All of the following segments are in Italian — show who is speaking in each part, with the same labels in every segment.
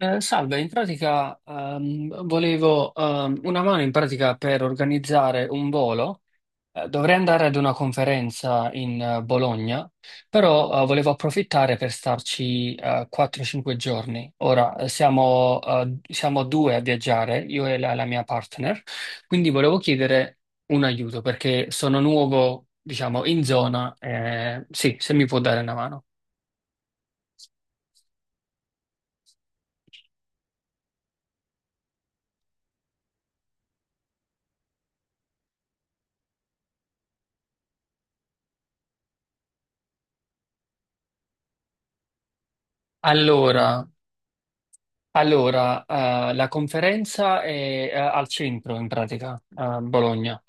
Speaker 1: Salve, in pratica volevo una mano in pratica per organizzare un volo. Dovrei andare ad una conferenza in Bologna, però volevo approfittare per starci 4-5 giorni. Ora siamo due a viaggiare, io e la mia partner, quindi volevo chiedere un aiuto perché sono nuovo, diciamo, in zona. Sì, se mi può dare una mano. Allora. Allora, la conferenza è al centro in pratica, a Bologna.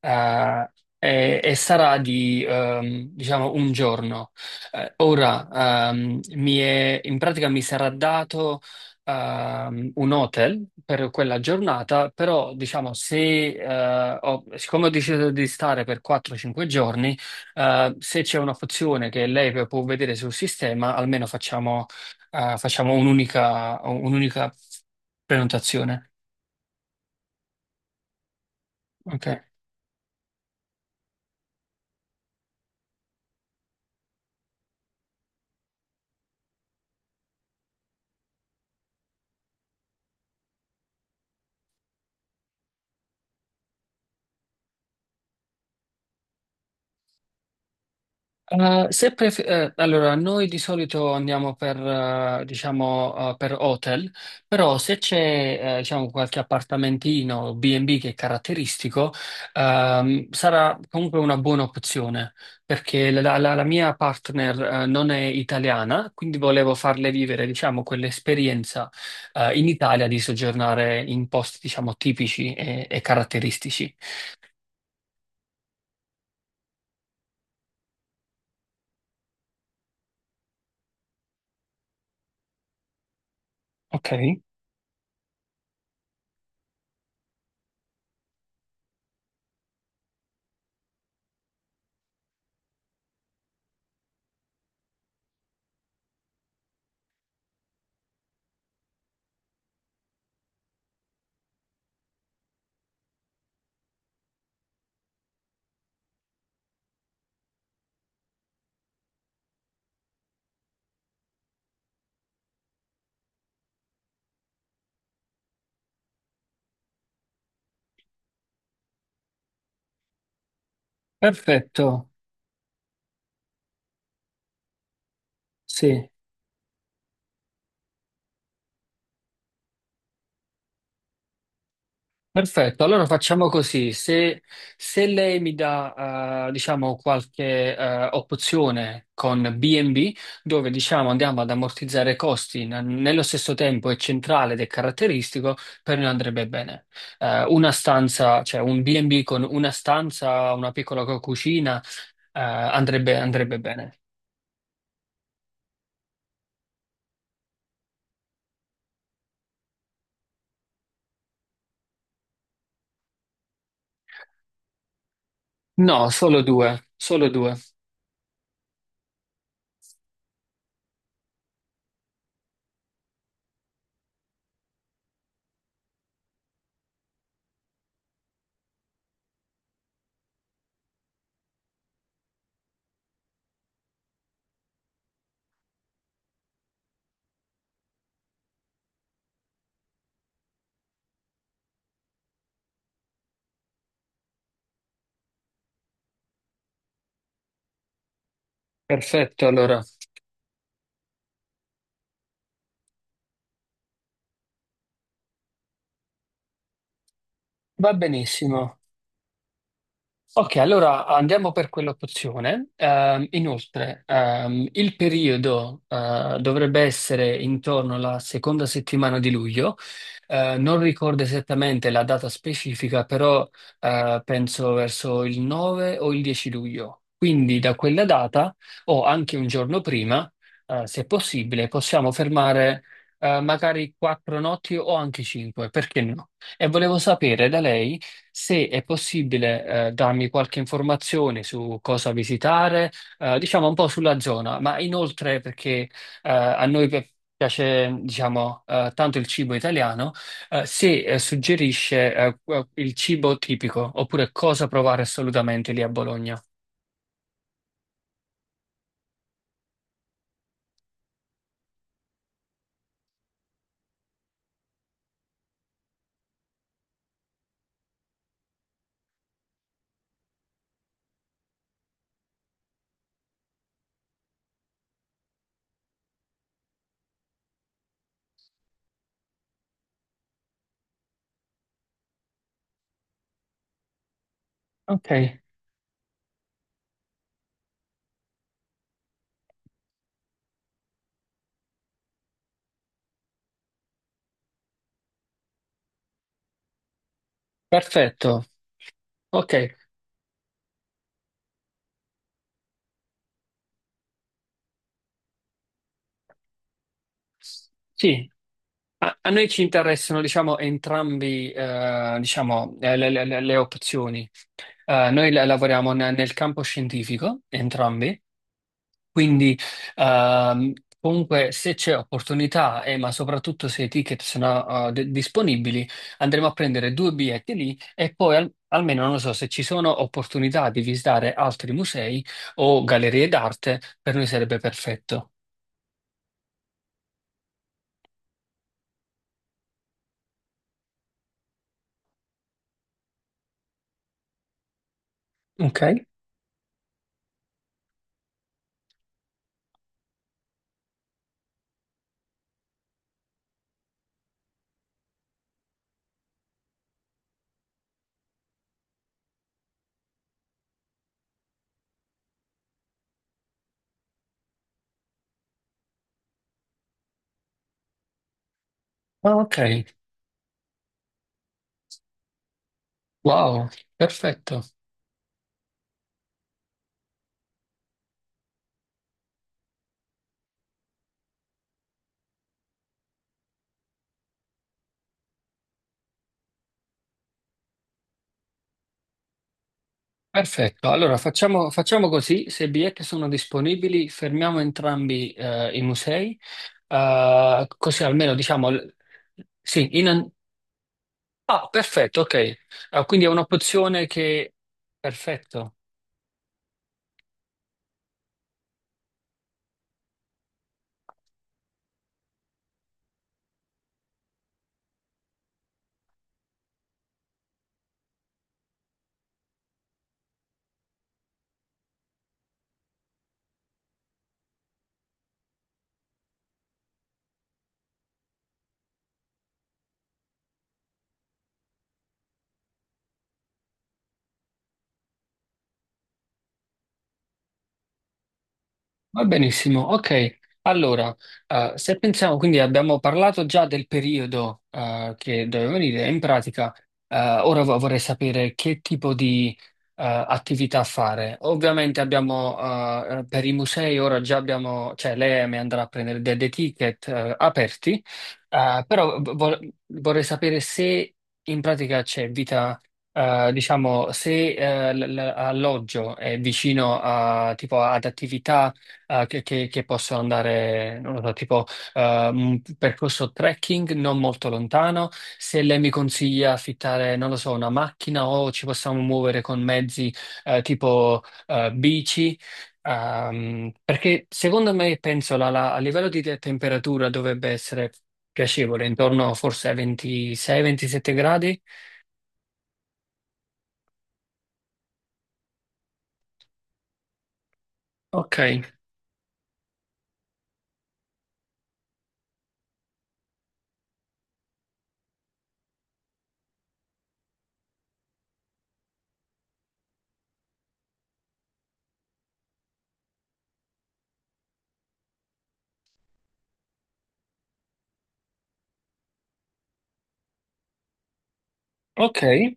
Speaker 1: Eh, e sarà di, diciamo, un giorno. Ora, in pratica mi sarà dato, un hotel per quella giornata, però, diciamo, se, ho- siccome ho deciso di stare per 4-5 giorni, se c'è una funzione che lei può vedere sul sistema, almeno facciamo un'unica prenotazione. Ok? Se pref- allora, noi di solito andiamo per, diciamo, per hotel, però se c'è, diciamo, qualche appartamentino o B&B che è caratteristico, sarà comunque una buona opzione, perché la mia partner, non è italiana, quindi volevo farle vivere, diciamo, quell'esperienza, in Italia di soggiornare in posti, diciamo, tipici e caratteristici. Ok, perfetto. Sì. Perfetto, allora facciamo così. Se lei mi dà, diciamo, qualche opzione con B&B, dove diciamo andiamo ad ammortizzare costi, nello stesso tempo è centrale ed è caratteristico, per noi andrebbe bene. Una stanza, cioè un B&B con una stanza, una piccola cucina, andrebbe bene. No, solo due, solo due. Perfetto, allora. Va benissimo. Ok, allora andiamo per quell'opzione. Inoltre, il periodo dovrebbe essere intorno alla seconda settimana di luglio. Non ricordo esattamente la data specifica, però penso verso il 9 o il 10 luglio. Quindi da quella data o anche un giorno prima, se possibile, possiamo fermare magari 4 notti o anche cinque, perché no? E volevo sapere da lei se è possibile, darmi qualche informazione su cosa visitare, diciamo un po' sulla zona, ma inoltre perché, a noi piace, diciamo, tanto il cibo italiano, se, suggerisce, il cibo tipico oppure cosa provare assolutamente lì a Bologna. Ok, perfetto. Ok. Sì, a noi ci interessano, diciamo, entrambi, diciamo, le opzioni. Noi lavoriamo nel campo scientifico, entrambi, quindi ehm, comunque se c'è opportunità, ma soprattutto se i ticket sono disponibili, andremo a prendere due biglietti lì e poi almeno non lo so se ci sono opportunità di visitare altri musei o gallerie d'arte, per noi sarebbe perfetto. Ok? Ah, ok, wow, perfetto. Perfetto, allora facciamo così, se i biglietti sono disponibili fermiamo entrambi i musei. Così almeno diciamo, sì, ah, perfetto, ok. Ah, quindi è un'opzione che... Perfetto. Va benissimo, ok. Allora, se pensiamo, quindi abbiamo parlato già del periodo che doveva venire, in pratica, ora vorrei sapere che tipo di attività fare. Ovviamente abbiamo per i musei, ora già abbiamo, cioè lei mi andrà a prendere dei ticket aperti, però vorrei sapere se in pratica c'è vita... Diciamo, se alloggio è vicino a, tipo, ad attività che possono andare, non lo so, tipo un percorso trekking non molto lontano. Se lei mi consiglia affittare, non lo so, una macchina o ci possiamo muovere con mezzi tipo bici. Perché secondo me, penso, a livello di temperatura dovrebbe essere piacevole, intorno forse ai 26-27 gradi. Ok, ok,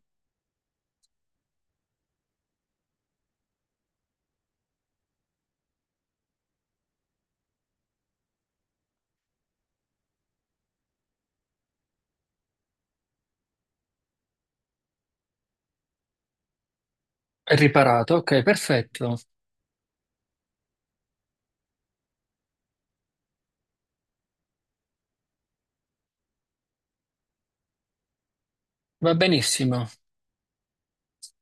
Speaker 1: è riparato, ok, perfetto, va benissimo.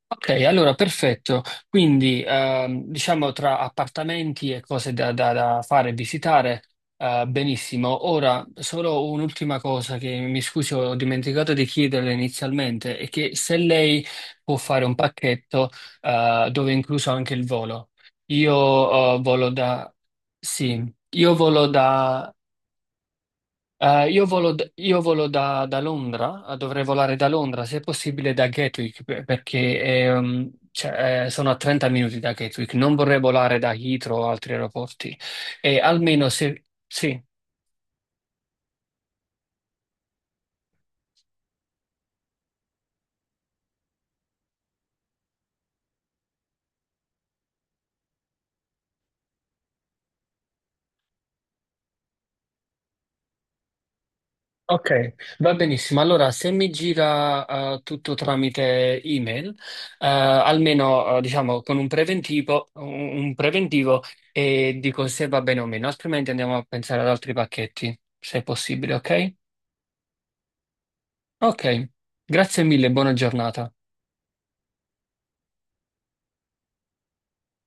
Speaker 1: Ok, allora perfetto. Quindi diciamo tra appartamenti e cose da fare e visitare, benissimo. Ora, solo un'ultima cosa che mi scusi, ho dimenticato di chiederle inizialmente, è che se lei può fare un pacchetto dove è incluso anche il volo. Io volo da... Sì, io volo io volo da Londra, dovrei volare da Londra, se è possibile da Gatwick, perché cioè, sono a 30 minuti da Gatwick, non vorrei volare da Heathrow o altri aeroporti. E almeno se... Sì, ok, va benissimo. Allora, se mi gira tutto tramite email, almeno diciamo con un preventivo, un preventivo e dico se va bene o meno, altrimenti andiamo a pensare ad altri pacchetti, se è possibile, ok? Ok, grazie mille, buona giornata.